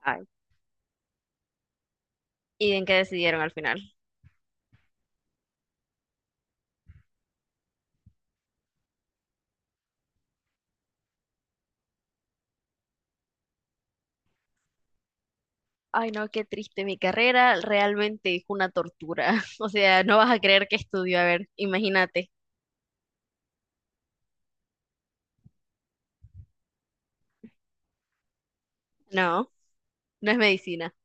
Ay, ¿y en qué decidieron al final? Ay, no, qué triste. Mi carrera realmente es una tortura. O sea, no vas a creer que estudio. A ver, imagínate. No, no es medicina.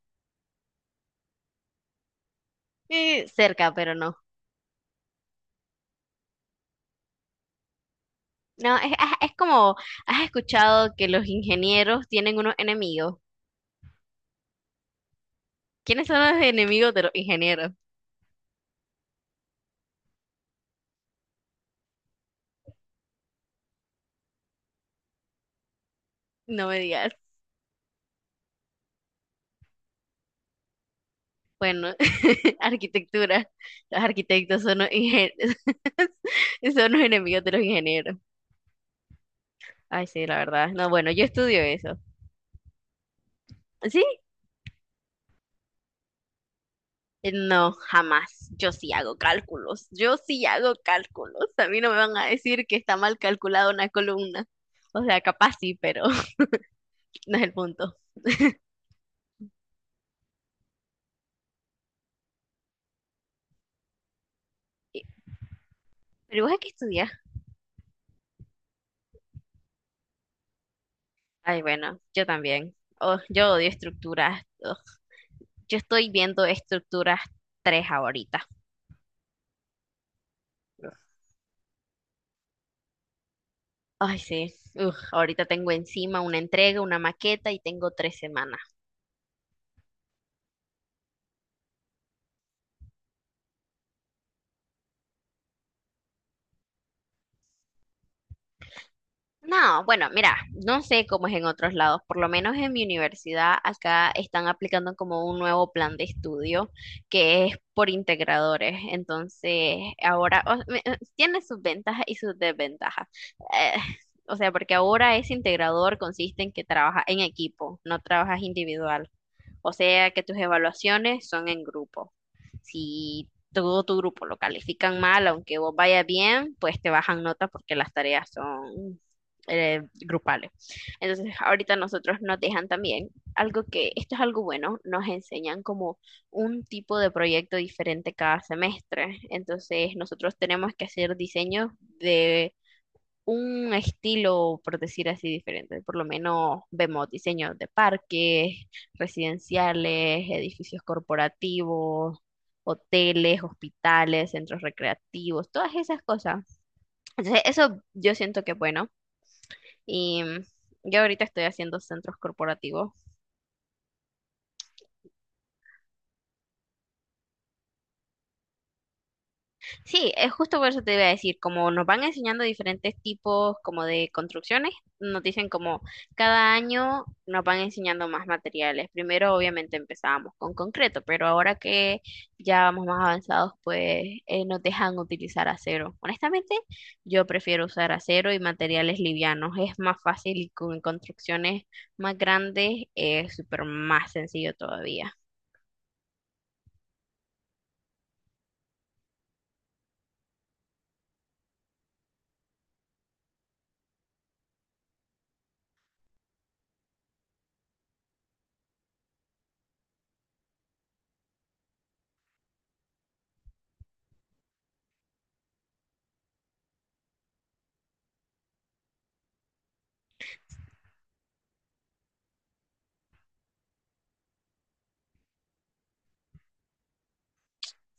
Cerca, pero no. No, es como, ¿has escuchado que los ingenieros tienen unos enemigos? ¿Quiénes son los enemigos de los ingenieros? No me digas. Bueno, arquitectura. Los arquitectos son los enemigos de los ingenieros. Ay, sí, la verdad. No, bueno, yo estudio eso. Sí, no, jamás. Yo sí hago cálculos. Yo sí hago cálculos. A mí no me van a decir que está mal calculada una columna. O sea, capaz sí, pero no es el punto. Y- ¿Pero vos a qué estudias? Ay, bueno, yo también. Oh, yo odio estructuras. Ugh. Yo estoy viendo estructuras tres ahorita. Ay, sí. Ugh, ahorita tengo encima una entrega, una maqueta y tengo 3 semanas. No, bueno, mira, no sé cómo es en otros lados, por lo menos en mi universidad acá están aplicando como un nuevo plan de estudio que es por integradores, entonces ahora tiene sus ventajas y sus desventajas. Eh, o sea, porque ahora ese integrador consiste en que trabajas en equipo, no trabajas individual, o sea que tus evaluaciones son en grupo. Si todo tu grupo lo califican mal, aunque vos vayas bien, pues te bajan nota porque las tareas son grupales. Entonces, ahorita nosotros nos dejan también algo que, esto es algo bueno, nos enseñan como un tipo de proyecto diferente cada semestre. Entonces, nosotros tenemos que hacer diseños de un estilo, por decir así, diferente. Por lo menos vemos diseños de parques, residenciales, edificios corporativos, hoteles, hospitales, centros recreativos, todas esas cosas. Entonces, eso yo siento que es bueno y yo ahorita estoy haciendo centros corporativos. Sí, es justo por eso te iba a decir, como nos van enseñando diferentes tipos como de construcciones, nos dicen como cada año nos van enseñando más materiales. Primero obviamente empezábamos con concreto, pero ahora que ya vamos más avanzados, pues nos dejan utilizar acero. Honestamente, yo prefiero usar acero y materiales livianos. Es más fácil y con construcciones más grandes es súper más sencillo todavía.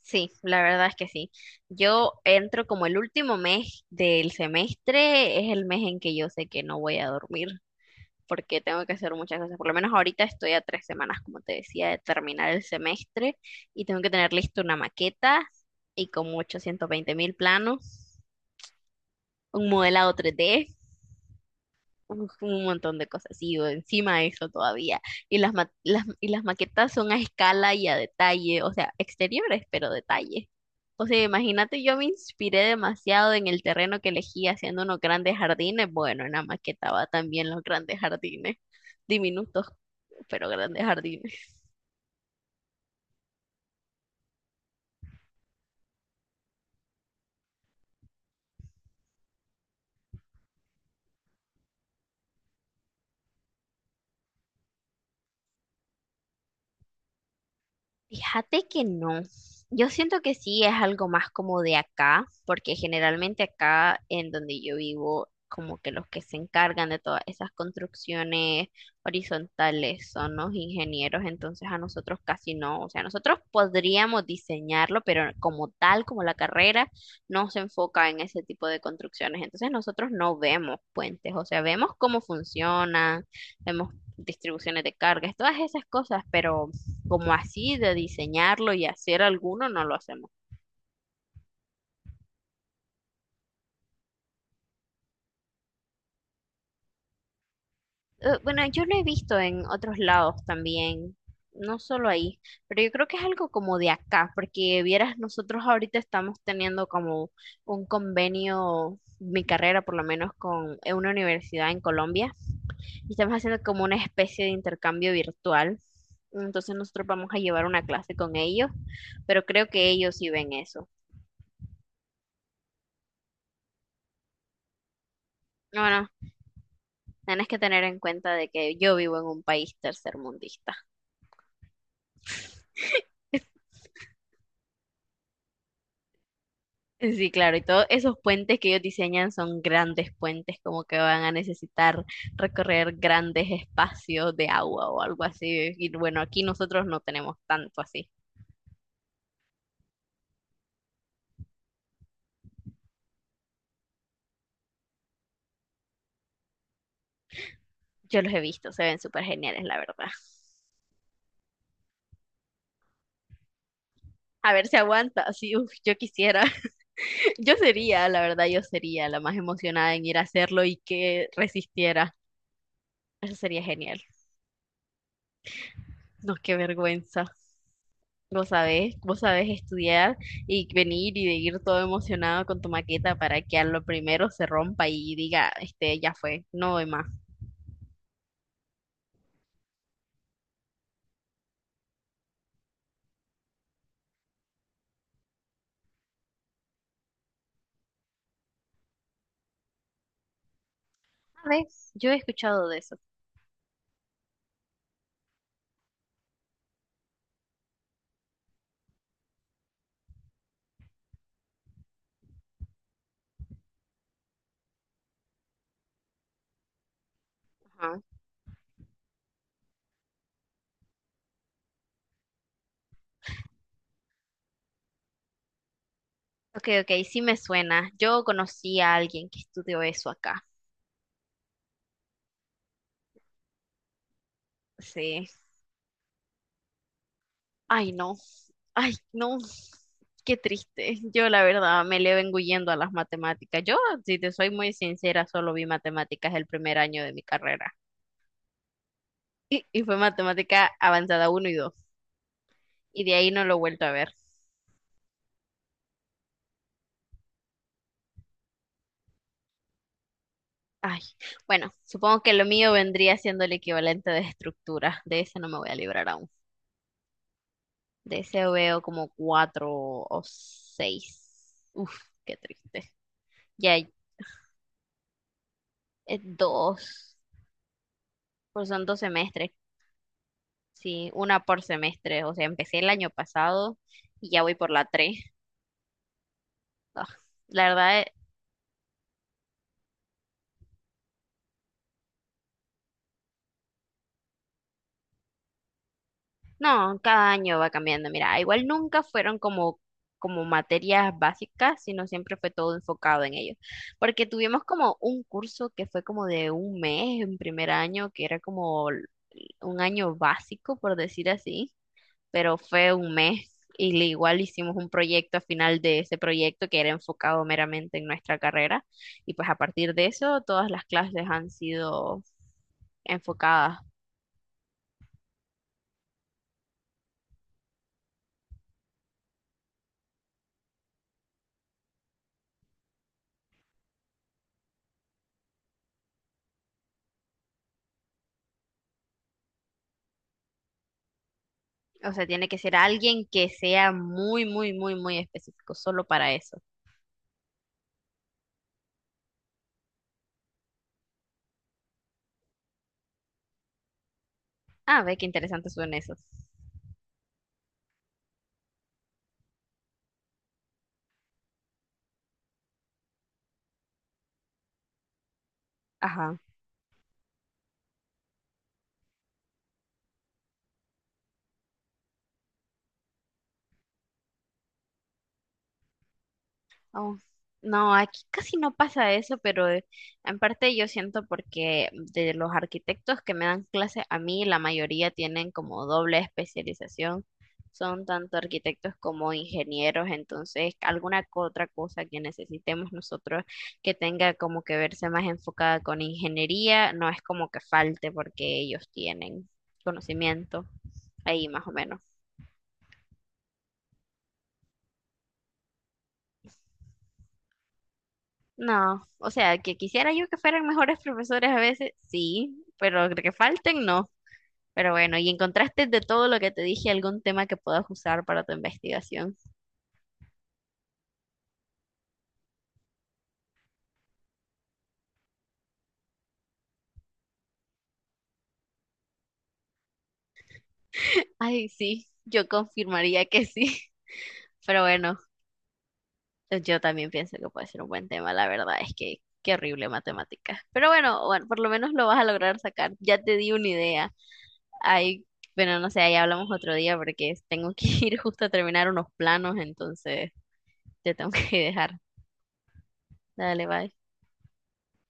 Sí, la verdad es que sí. Yo entro como el último mes del semestre, es el mes en que yo sé que no voy a dormir porque tengo que hacer muchas cosas. Por lo menos ahorita estoy a 3 semanas, como te decía, de terminar el semestre y tengo que tener lista una maqueta y como 820.000 planos, un modelado tres d Uf, un montón de cosas, y o encima de eso todavía. Y las maquetas son a escala y a detalle, o sea, exteriores, pero detalle. O sea, imagínate, yo me inspiré demasiado en el terreno que elegí haciendo unos grandes jardines. Bueno, en la maqueta va también los grandes jardines, diminutos, pero grandes jardines. Fíjate que no. Yo siento que sí es algo más como de acá, porque generalmente acá en donde yo vivo, como que los que se encargan de todas esas construcciones horizontales son los ingenieros, entonces a nosotros casi no. O sea, nosotros podríamos diseñarlo, pero como tal, como la carrera, no se enfoca en ese tipo de construcciones. Entonces nosotros no vemos puentes, o sea, vemos cómo funcionan, vemos distribuciones de cargas, todas esas cosas, pero como así de diseñarlo y hacer alguno, no lo hacemos. Bueno, yo lo he visto en otros lados también, no solo ahí, pero yo creo que es algo como de acá, porque vieras, nosotros ahorita estamos teniendo como un convenio, mi carrera por lo menos, con una universidad en Colombia, y estamos haciendo como una especie de intercambio virtual. Entonces nosotros vamos a llevar una clase con ellos, pero creo que ellos sí ven eso. Bueno, tienes que tener en cuenta de que yo vivo en un país tercermundista. Sí, claro, y todos esos puentes que ellos diseñan son grandes puentes, como que van a necesitar recorrer grandes espacios de agua o algo así. Y bueno, aquí nosotros no tenemos tanto así. Yo los he visto, se ven súper geniales, la verdad. A ver si aguanta, así, uf, yo quisiera. Yo sería, la verdad, yo sería la más emocionada en ir a hacerlo y que resistiera. Eso sería genial. No, qué vergüenza. Vos sabés estudiar y venir y de ir todo emocionado con tu maqueta para que a lo primero se rompa y diga, este, ya fue, no voy más. ¿Sabes? Yo he escuchado de eso. Ajá. Ok, ok, sí me suena. Yo conocí a alguien que estudió eso acá. Sí. Ay, no. Ay, no. Qué triste. Yo, la verdad, me le vengo huyendo a las matemáticas. Yo, si te soy muy sincera, solo vi matemáticas el primer año de mi carrera. Y fue matemática avanzada uno y dos. Y de ahí no lo he vuelto a ver. Ay, bueno, supongo que lo mío vendría siendo el equivalente de estructura. De ese no me voy a librar aún. De ese veo como cuatro o seis. Uf, qué triste. Ya hay dos, pues son 2 semestres. Sí, una por semestre. O sea, empecé el año pasado y ya voy por la tres. Ah, la verdad, no, cada año va cambiando. Mira, igual nunca fueron como materias básicas, sino siempre fue todo enfocado en ellos. Porque tuvimos como un curso que fue como de un mes en primer año, que era como un año básico, por decir así, pero fue un mes. Y igual hicimos un proyecto a final de ese proyecto que era enfocado meramente en nuestra carrera. Y pues a partir de eso, todas las clases han sido enfocadas. O sea, tiene que ser alguien que sea muy, muy, muy, muy específico, solo para eso. Ah, ve qué interesante son esos. Ajá. Oh, no, aquí casi no pasa eso, pero en parte yo siento porque de los arquitectos que me dan clase a mí, la mayoría tienen como doble especialización. Son tanto arquitectos como ingenieros, entonces alguna otra cosa que necesitemos nosotros que tenga como que verse más enfocada con ingeniería, no es como que falte porque ellos tienen conocimiento ahí más o menos. No, o sea, que quisiera yo que fueran mejores profesores a veces, sí, pero que falten, no. Pero bueno, ¿y encontraste de todo lo que te dije algún tema que puedas usar para tu investigación? Ay, sí, yo confirmaría que sí. Pero bueno, yo también pienso que puede ser un buen tema, la verdad es que qué horrible matemáticas. Pero bueno, bueno, por lo menos lo vas a lograr sacar. Ya te di una idea. Ay, bueno, no sé, ahí hablamos otro día porque tengo que ir justo a terminar unos planos, entonces te tengo que dejar. Dale, bye.